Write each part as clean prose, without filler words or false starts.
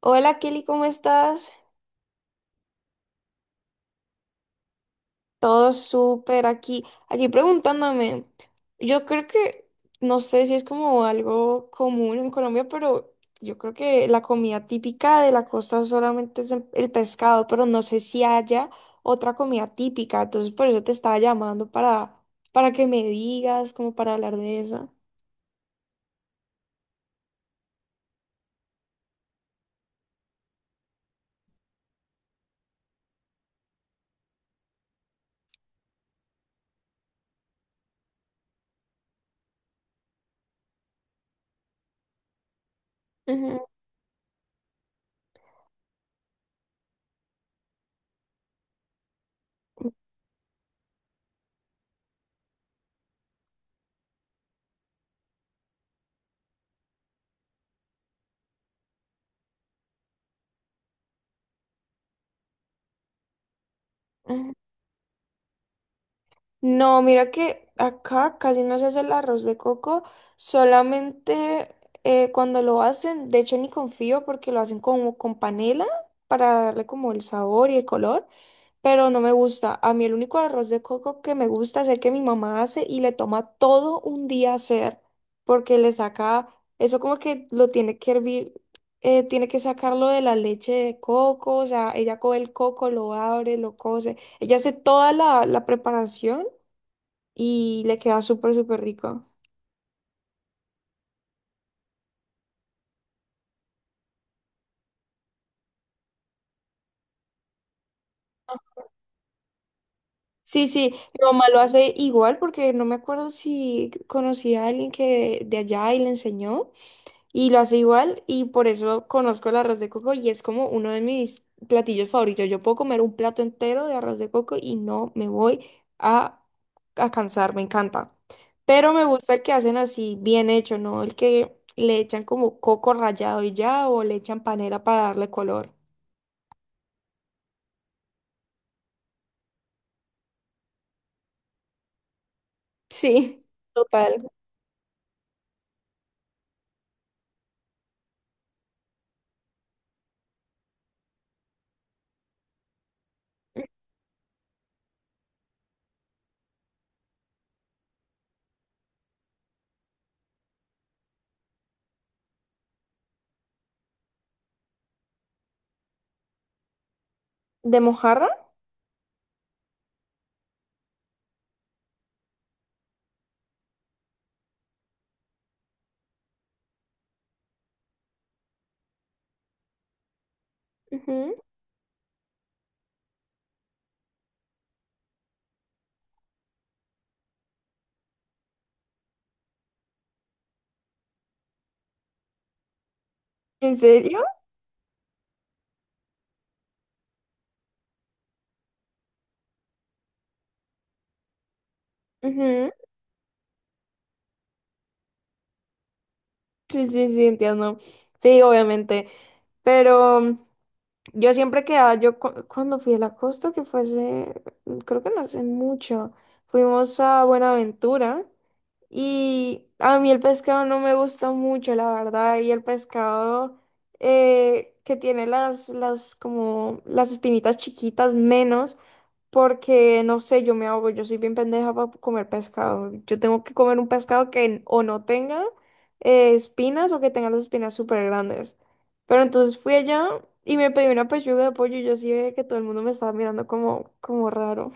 Hola Kelly, ¿cómo estás? Todo súper aquí. Aquí preguntándome, yo creo que, no sé si es como algo común en Colombia, pero yo creo que la comida típica de la costa solamente es el pescado, pero no sé si haya otra comida típica. Entonces por eso te estaba llamando para que me digas, como para hablar de eso. No, mira que acá casi no se hace el arroz de coco, solamente cuando lo hacen, de hecho ni confío porque lo hacen como con panela para darle como el sabor y el color, pero no me gusta. A mí el único arroz de coco que me gusta es el que mi mamá hace y le toma todo un día hacer porque le saca, eso como que lo tiene que hervir, tiene que sacarlo de la leche de coco, o sea, ella coge el coco, lo abre, lo cose. Ella hace toda la preparación y le queda súper, súper rico. Sí, sí, mi mamá lo hace igual porque no me acuerdo si conocí a alguien que de allá y le enseñó y lo hace igual y por eso conozco el arroz de coco y es como uno de mis platillos favoritos. Yo puedo comer un plato entero de arroz de coco y no me voy a, a cansar, me encanta. Pero me gusta el que hacen así bien hecho, ¿no? El que le echan como coco rallado y ya o le echan panela para darle color. Sí, total. ¿De mojarra? Ujú. ¿En serio? Ujú. Sí, sí, sí, entiendo. Sí, obviamente. Pero yo siempre quedaba, cuando fui a la costa, que fue hace, creo que no hace mucho, fuimos a Buenaventura y a mí el pescado no me gusta mucho, la verdad, y el pescado que tiene como, las espinitas chiquitas menos. Porque, no sé, yo me ahogo, yo soy bien pendeja para comer pescado. Yo tengo que comer un pescado que o no tenga espinas o que tenga las espinas súper grandes. Pero entonces fui allá y me pedí una pechuga de pollo y yo sí veía que todo el mundo me estaba mirando como, como raro.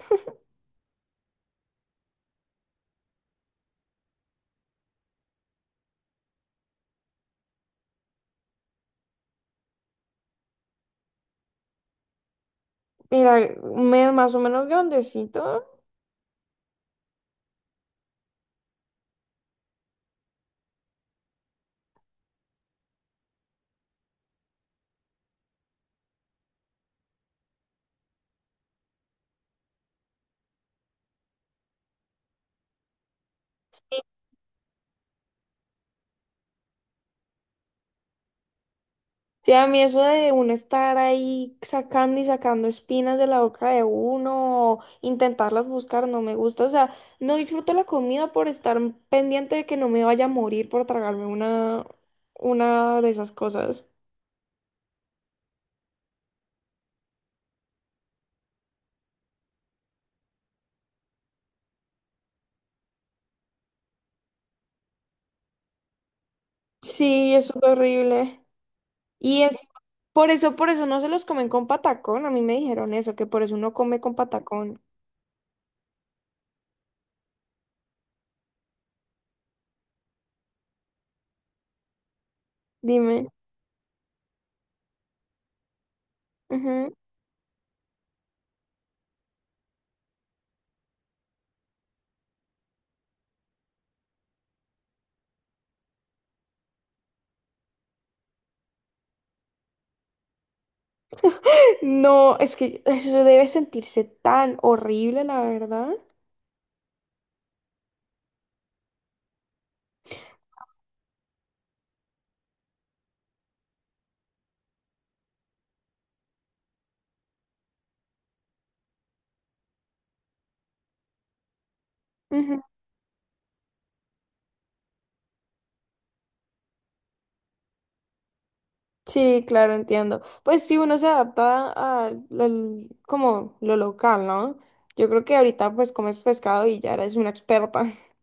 Mira, me, más o menos grandecito. Sí, a mí eso de uno estar ahí sacando y sacando espinas de la boca de uno, o intentarlas buscar, no me gusta. O sea, no disfruto la comida por estar pendiente de que no me vaya a morir por tragarme una de esas cosas. Sí, eso es horrible. Y es, por eso no se los comen con patacón. A mí me dijeron eso, que por eso uno come con patacón. Dime. Ujú. No, es que eso debe sentirse tan horrible, la verdad. Sí, claro, entiendo. Pues sí, uno se adapta al- como lo local, ¿no? Yo creo que ahorita pues comes pescado y ya eres una experta.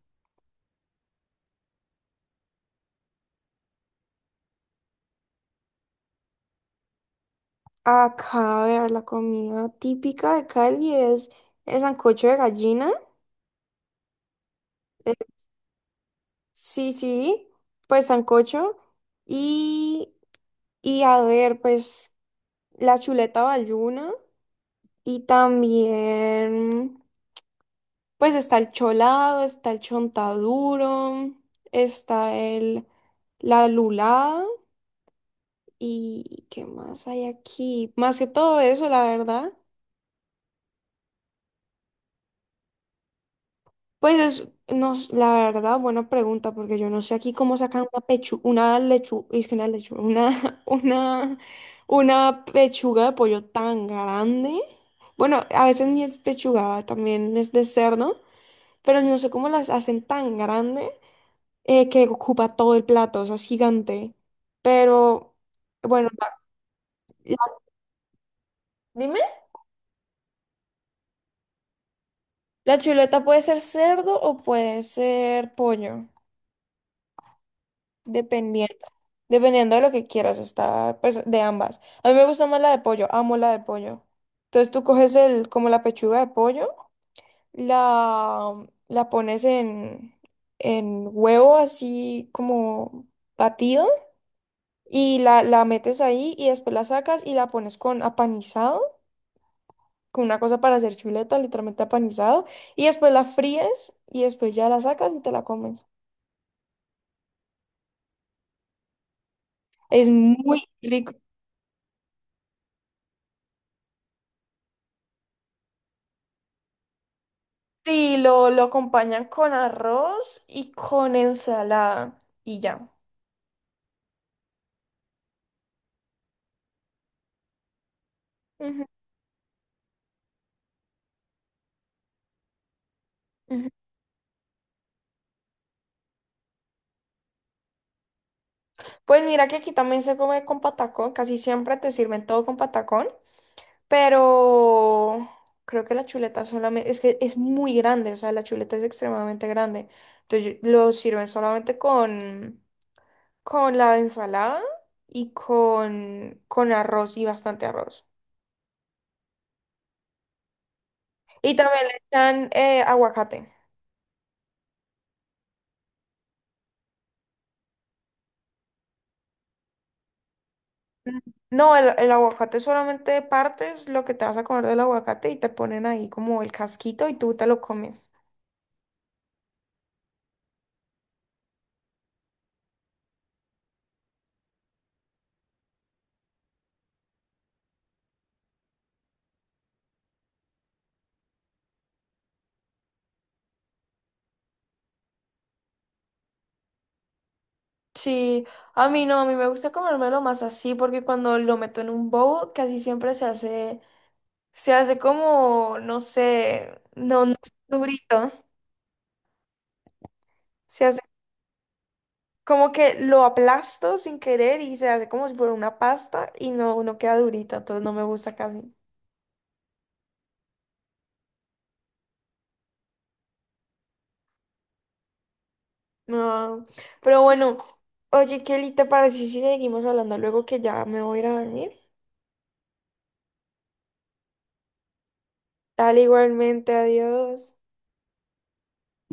Acá, a ver, la comida típica de Cali es el sancocho de gallina. Eh, sí, sí, pues sancocho. Y, y a ver, pues la chuleta valluna. Y también, pues está el cholado, está el chontaduro, está el, la lulada y ¿qué más hay aquí? Más que todo eso, la verdad. Pues es, no, la verdad, buena pregunta, porque yo no sé aquí cómo sacan una pechuga, es que una lechuga, una, una pechuga de pollo tan grande. Bueno, a veces ni es pechuga, también es de cerdo. Pero no sé cómo las hacen tan grande que ocupa todo el plato, o sea, es gigante. Pero, bueno, la- dime, la chuleta puede ser cerdo o puede ser pollo, dependiendo, dependiendo de lo que quieras, está, pues, de ambas. A mí me gusta más la de pollo, amo la de pollo. Entonces tú coges el, como la pechuga de pollo, la pones en huevo así como batido. Y la metes ahí y después la sacas y la pones con apanizado, con una cosa para hacer chuleta, literalmente apanizado, y después la fríes y después ya la sacas y te la comes. Es muy rico. Sí, lo acompañan con arroz y con ensalada y ya. Ujú, ujú. Pues mira que aquí también se come con patacón, casi siempre te sirven todo con patacón. Pero creo que la chuleta solamente, es que es muy grande, o sea, la chuleta es extremadamente grande. Entonces yo- lo sirven solamente con la ensalada y con arroz y bastante arroz. Y también le echan aguacate. Mm. No, el aguacate solamente partes lo que te vas a comer del aguacate y te ponen ahí como el casquito y tú te lo comes. Sí, a mí no, a mí me gusta comérmelo más así porque cuando lo meto en un bowl casi siempre se hace. Se hace como, no sé, no, no es durito. Se hace como que lo aplasto sin querer y se hace como si fuera una pasta y no, no queda durita, entonces no me gusta casi. No. Pero bueno, oye, Kelly, ¿te parece si seguimos hablando luego que ya me voy a ir a dormir? Dale igualmente, adiós.